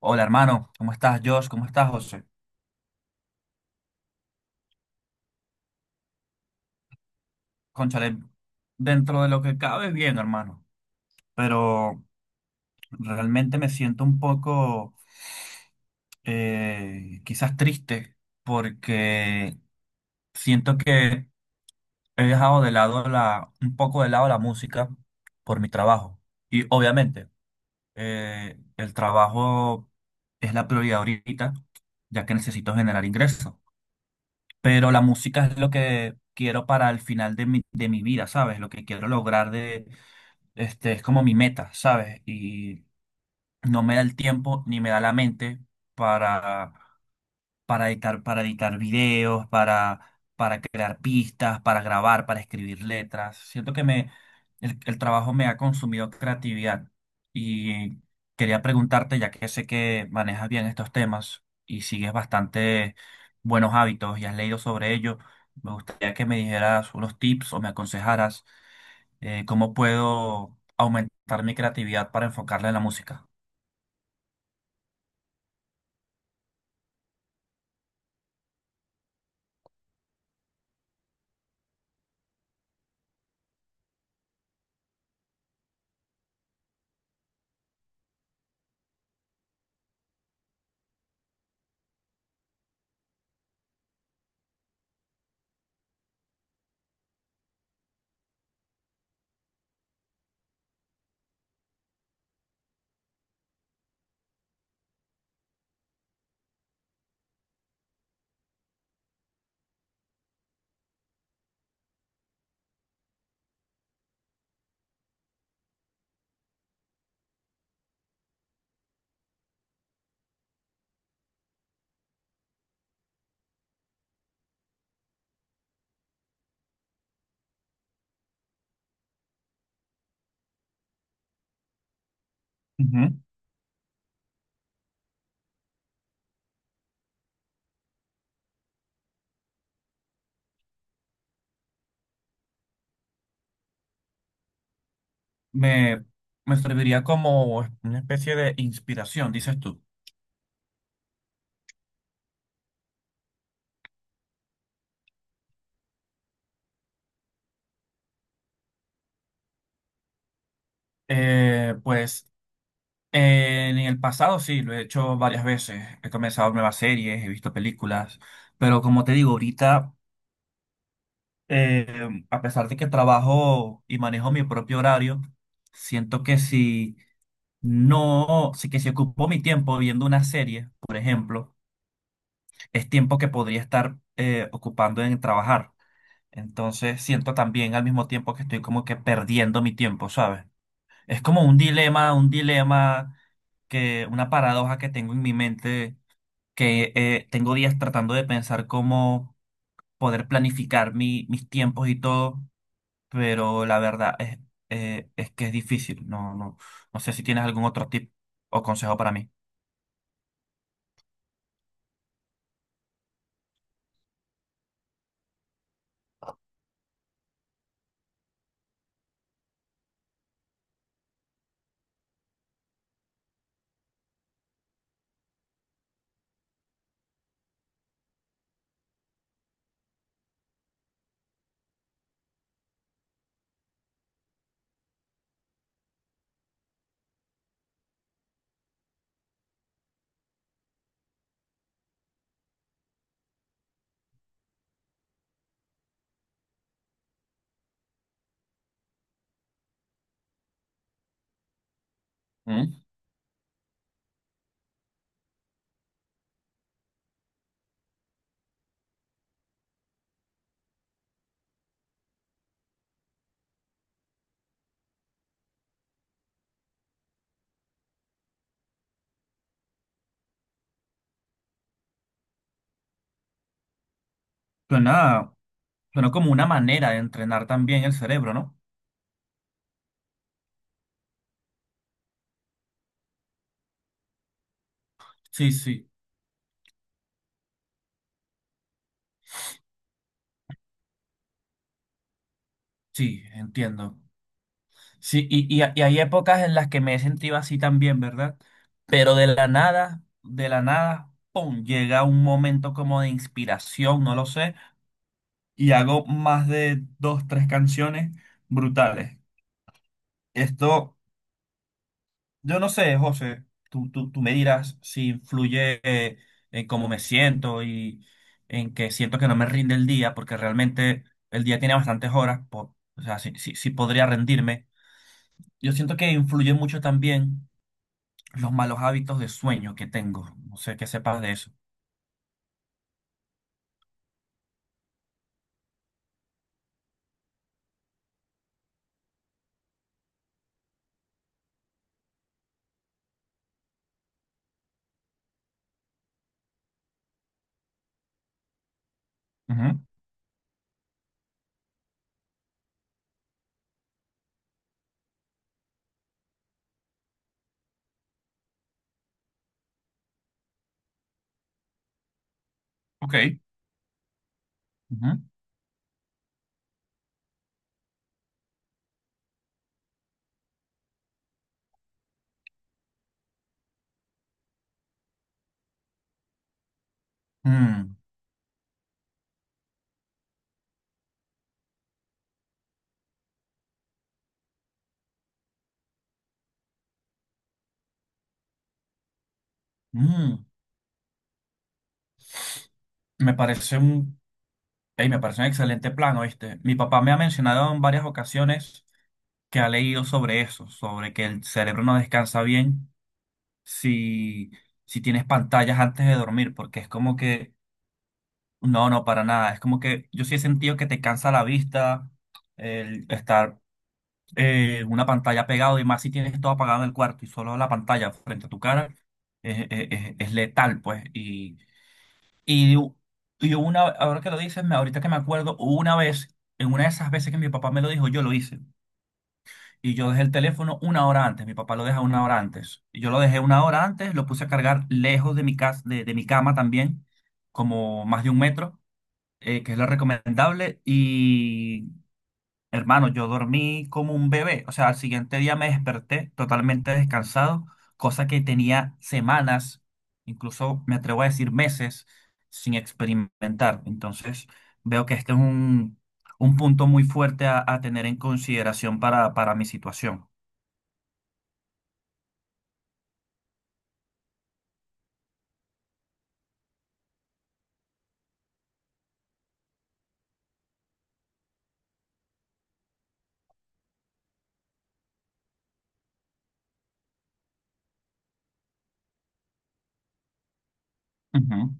Hola hermano, ¿cómo estás Josh? ¿Cómo estás José? Cónchale, dentro de lo que cabe bien, hermano, pero realmente me siento un poco quizás triste porque siento que he dejado un poco de lado la música por mi trabajo. Y obviamente el trabajo es la prioridad ahorita, ya que necesito generar ingresos. Pero la música es lo que quiero para el final de mi vida, ¿sabes? Lo que quiero lograr es como mi meta, ¿sabes? Y no me da el tiempo ni me da la mente para editar, para editar videos, para crear pistas, para grabar, para escribir letras. Siento que el trabajo me ha consumido creatividad y quería preguntarte, ya que sé que manejas bien estos temas y sigues bastante buenos hábitos y has leído sobre ello, me gustaría que me dijeras unos tips o me aconsejaras cómo puedo aumentar mi creatividad para enfocarla en la música. Me, me serviría como una especie de inspiración, dices tú. Pues en el pasado sí, lo he hecho varias veces. He comenzado nuevas series, he visto películas, pero como te digo, ahorita, eh, a pesar de que trabajo y manejo mi propio horario, siento que si ocupo mi tiempo viendo una serie, por ejemplo, es tiempo que podría estar ocupando en trabajar. Entonces siento también al mismo tiempo que estoy como que perdiendo mi tiempo, ¿sabes? Es como un dilema, una paradoja que tengo en mi mente, que tengo días tratando de pensar cómo poder planificar mis tiempos y todo, pero la verdad es que es difícil. No, no, no sé si tienes algún otro tip o consejo para mí. ¿Mm? Suena, suena como una manera de entrenar también el cerebro, ¿no? Sí, sí, sí, entiendo. Sí, y hay épocas en las que me he sentido así también, ¿verdad? Pero de la nada, ¡pum! Llega un momento como de inspiración, no lo sé, y hago más de dos, tres canciones brutales. Esto, yo no sé, José, tú me dirás si influye en cómo me siento y en que siento que no me rinde el día, porque realmente el día tiene bastantes horas, o sea, sí, sí sí podría rendirme. Yo siento que influye mucho también los malos hábitos de sueño que tengo. No sé qué sepas de eso. Ujú. Ok. Ujú. Mm. Mm. Me parece un, me parece un excelente plan, ¿oíste? Mi papá me ha mencionado en varias ocasiones que ha leído sobre eso, sobre que el cerebro no descansa bien si, si tienes pantallas antes de dormir, porque es como que, no, no, para nada. Es como que yo sí he sentido que te cansa la vista, el estar una pantalla pegado y más si tienes todo apagado en el cuarto y solo la pantalla frente a tu cara es letal, pues. Y, y ahora que lo dices, ahorita que me acuerdo, una vez, en una de esas veces que mi papá me lo dijo, yo lo hice. Y yo dejé el teléfono una hora antes, mi papá lo deja una hora antes. Y yo lo dejé una hora antes, lo puse a cargar lejos de mi casa, de mi cama también, como más de un metro, que es lo recomendable. Y, hermano, yo dormí como un bebé, o sea, al siguiente día me desperté totalmente descansado, cosa que tenía semanas, incluso me atrevo a decir meses, sin experimentar. Entonces, veo que este es un punto muy fuerte a tener en consideración para mi situación. Ujú.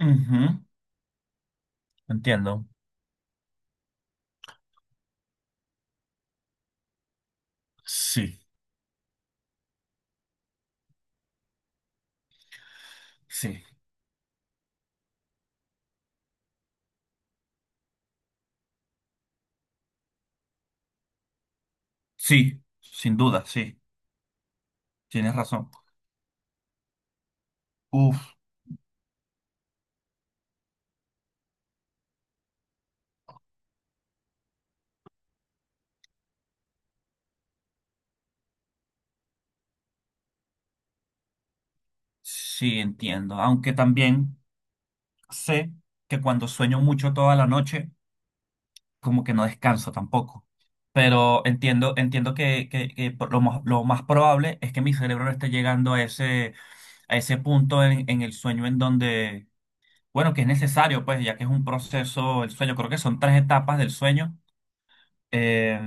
Ujú. Entiendo. Sí, sí, sí, sin duda, sí, tienes razón. Uf, sí, entiendo. Aunque también. Sé que cuando sueño mucho toda la noche, como que no descanso tampoco. Pero entiendo, entiendo que lo más probable es que mi cerebro no esté llegando a ese punto en el sueño en donde, bueno, que es necesario, pues, ya que es un proceso, el sueño, creo que son tres etapas del sueño. eh,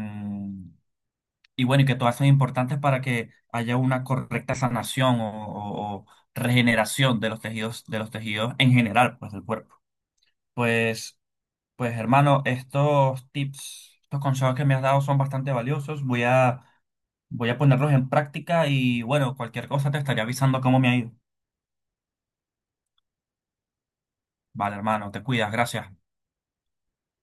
y bueno, y que todas son importantes para que haya una correcta sanación o regeneración de los tejidos en general, pues, del cuerpo. Pues. Pues hermano, estos tips, estos consejos que me has dado son bastante valiosos. Voy a ponerlos en práctica y bueno, cualquier cosa te estaré avisando cómo me ha ido. Vale, hermano, te cuidas, gracias.